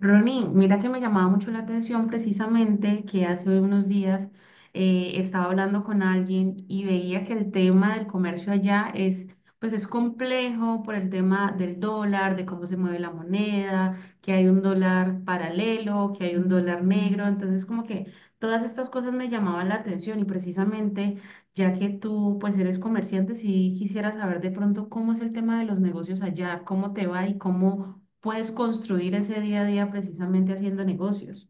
Ronnie, mira que me llamaba mucho la atención, precisamente que hace unos días, estaba hablando con alguien y veía que el tema del comercio allá es, pues es complejo por el tema del dólar, de cómo se mueve la moneda, que hay un dólar paralelo, que hay un dólar negro. Entonces, como que todas estas cosas me llamaban la atención, y precisamente, ya que tú pues eres comerciante, si quisiera saber de pronto cómo es el tema de los negocios allá, cómo te va y cómo puedes construir ese día a día precisamente haciendo negocios.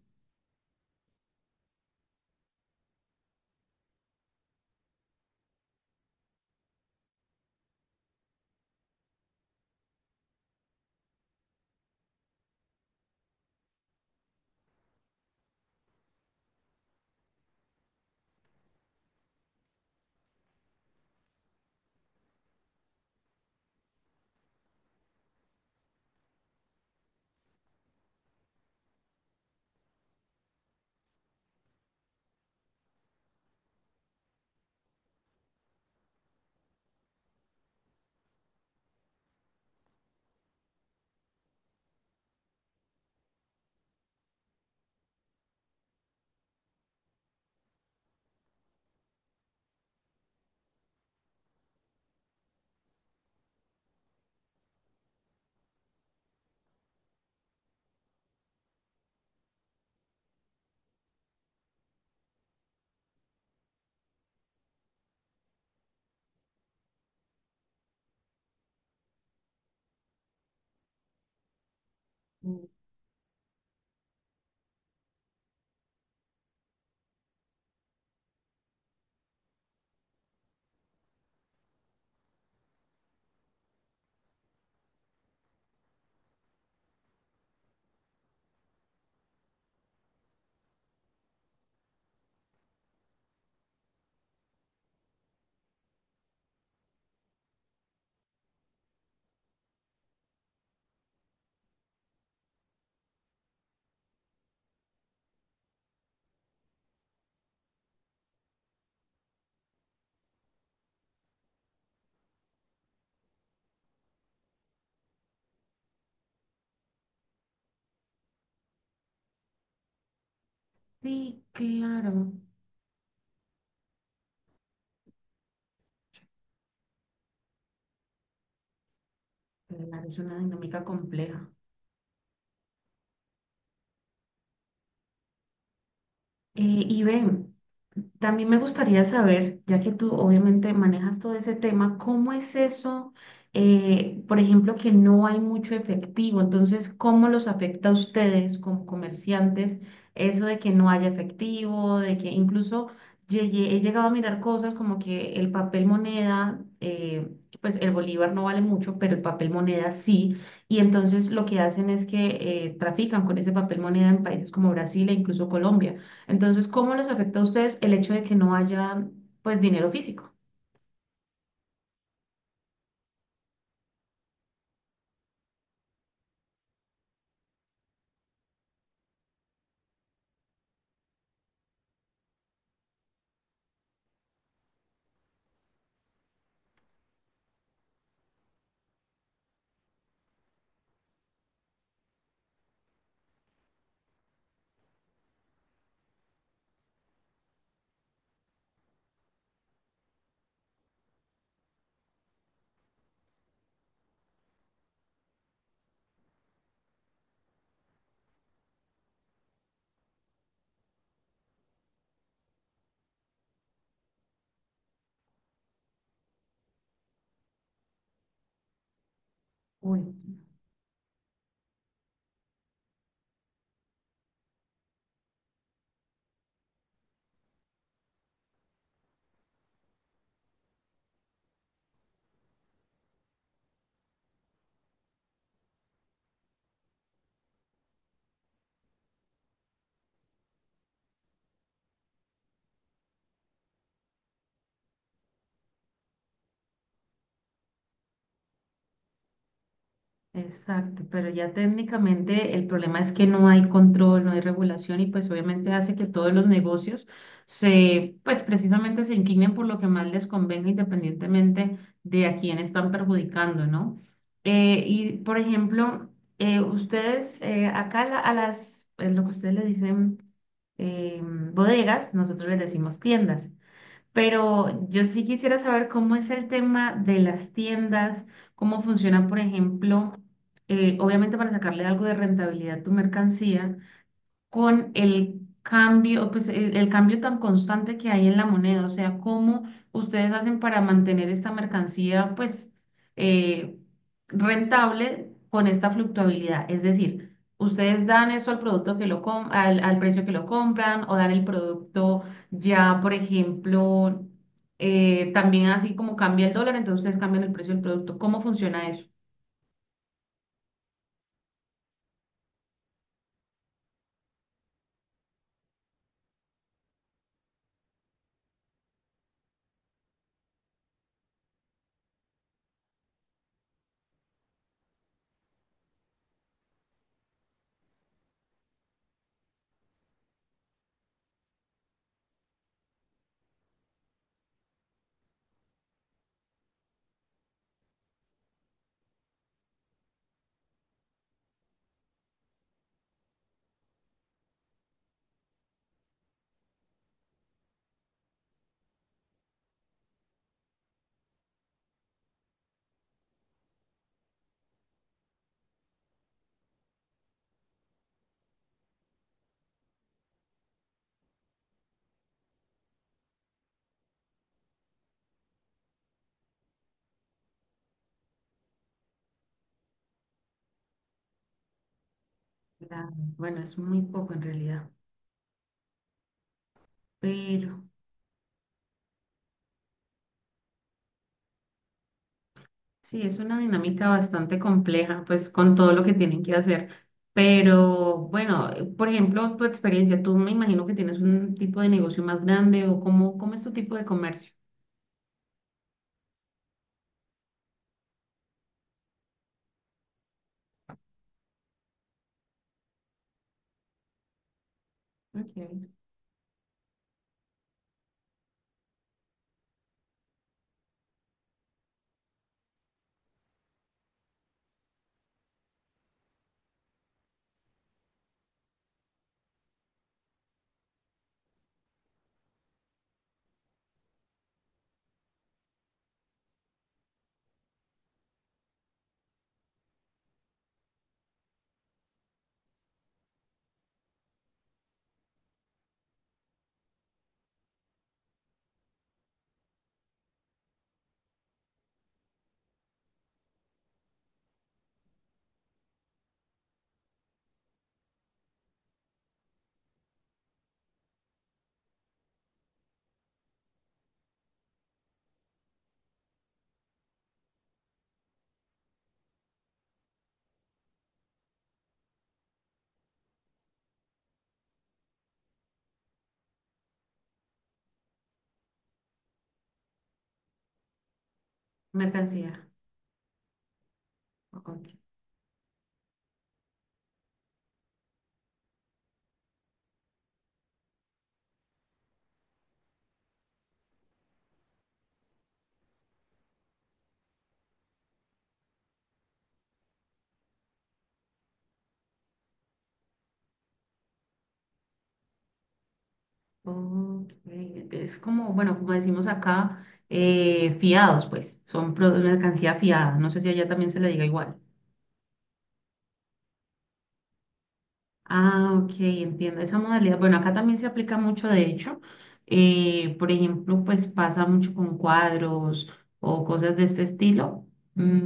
Sí, claro. Claro, es una dinámica compleja. Eh, y ven, También me gustaría saber, ya que tú obviamente manejas todo ese tema, ¿cómo es eso? Por ejemplo, que no hay mucho efectivo. Entonces, ¿cómo los afecta a ustedes como comerciantes eso de que no haya efectivo, de que incluso he llegado a mirar cosas como que el papel moneda, pues el bolívar no vale mucho, pero el papel moneda sí, y entonces lo que hacen es que trafican con ese papel moneda en países como Brasil e incluso Colombia. Entonces, ¿cómo les afecta a ustedes el hecho de que no haya, pues, dinero físico? Uy. Exacto, pero ya técnicamente el problema es que no hay control, no hay regulación, y pues obviamente hace que todos los negocios pues precisamente se inclinen por lo que más les convenga, independientemente de a quién están perjudicando, ¿no? Y por ejemplo, ustedes, acá lo que ustedes le dicen, bodegas, nosotros les decimos tiendas. Pero yo sí quisiera saber cómo es el tema de las tiendas, cómo funcionan. Por ejemplo, obviamente para sacarle algo de rentabilidad a tu mercancía, con el cambio, pues el cambio tan constante que hay en la moneda, o sea, cómo ustedes hacen para mantener esta mercancía, pues, eh, rentable con esta fluctuabilidad. Es decir, ustedes dan eso al producto que lo al precio que lo compran, o dan el producto ya, por ejemplo, también así como cambia el dólar, entonces ustedes cambian el precio del producto. ¿Cómo funciona eso? Claro. Bueno, es muy poco en realidad, pero... Sí, es una dinámica bastante compleja, pues con todo lo que tienen que hacer. Pero bueno, por ejemplo, tu experiencia, tú me imagino que tienes un tipo de negocio más grande, o cómo, cómo es tu tipo de comercio. Okay. Mercancía. Ok. Ok. Es como, bueno, como decimos acá, fiados, pues, son mercancía fiada. No sé si allá también se le diga igual. Ah, ok, entiendo esa modalidad. Bueno, acá también se aplica mucho, de hecho. Por ejemplo, pues pasa mucho con cuadros o cosas de este estilo. Mm,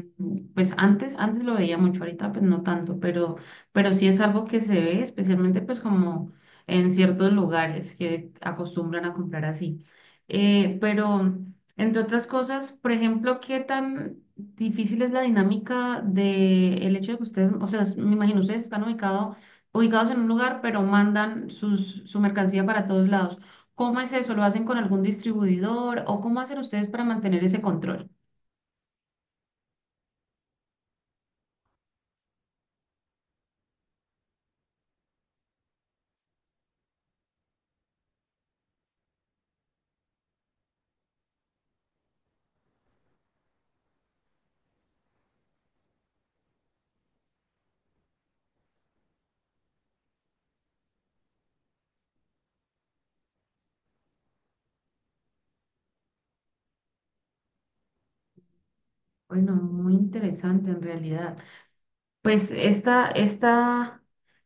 pues antes lo veía mucho, ahorita pues no tanto, pero sí es algo que se ve, especialmente pues como en ciertos lugares que acostumbran a comprar así. Pero, entre otras cosas, por ejemplo, ¿qué tan difícil es la dinámica de el hecho de que ustedes, o sea, me imagino, ustedes están ubicados en un lugar, pero mandan su mercancía para todos lados. ¿Cómo es eso? ¿Lo hacen con algún distribuidor, o cómo hacen ustedes para mantener ese control? Bueno, muy interesante en realidad. Pues esta, esta,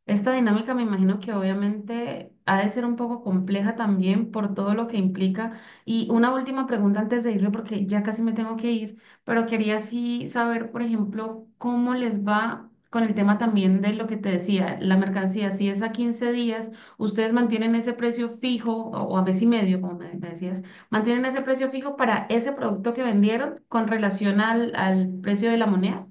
esta dinámica me imagino que obviamente ha de ser un poco compleja también por todo lo que implica. Y una última pregunta antes de irme, porque ya casi me tengo que ir, pero quería sí saber, por ejemplo, cómo les va con el tema también de lo que te decía, la mercancía. Si es a 15 días, ustedes mantienen ese precio fijo, o a mes y medio, como me decías, mantienen ese precio fijo para ese producto que vendieron con relación al precio de la moneda.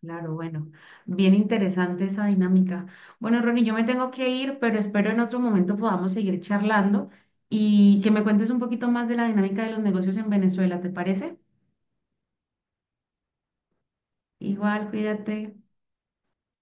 Claro, bueno, bien interesante esa dinámica. Bueno, Ronnie, yo me tengo que ir, pero espero en otro momento podamos seguir charlando y que me cuentes un poquito más de la dinámica de los negocios en Venezuela, ¿te parece? Igual, cuídate.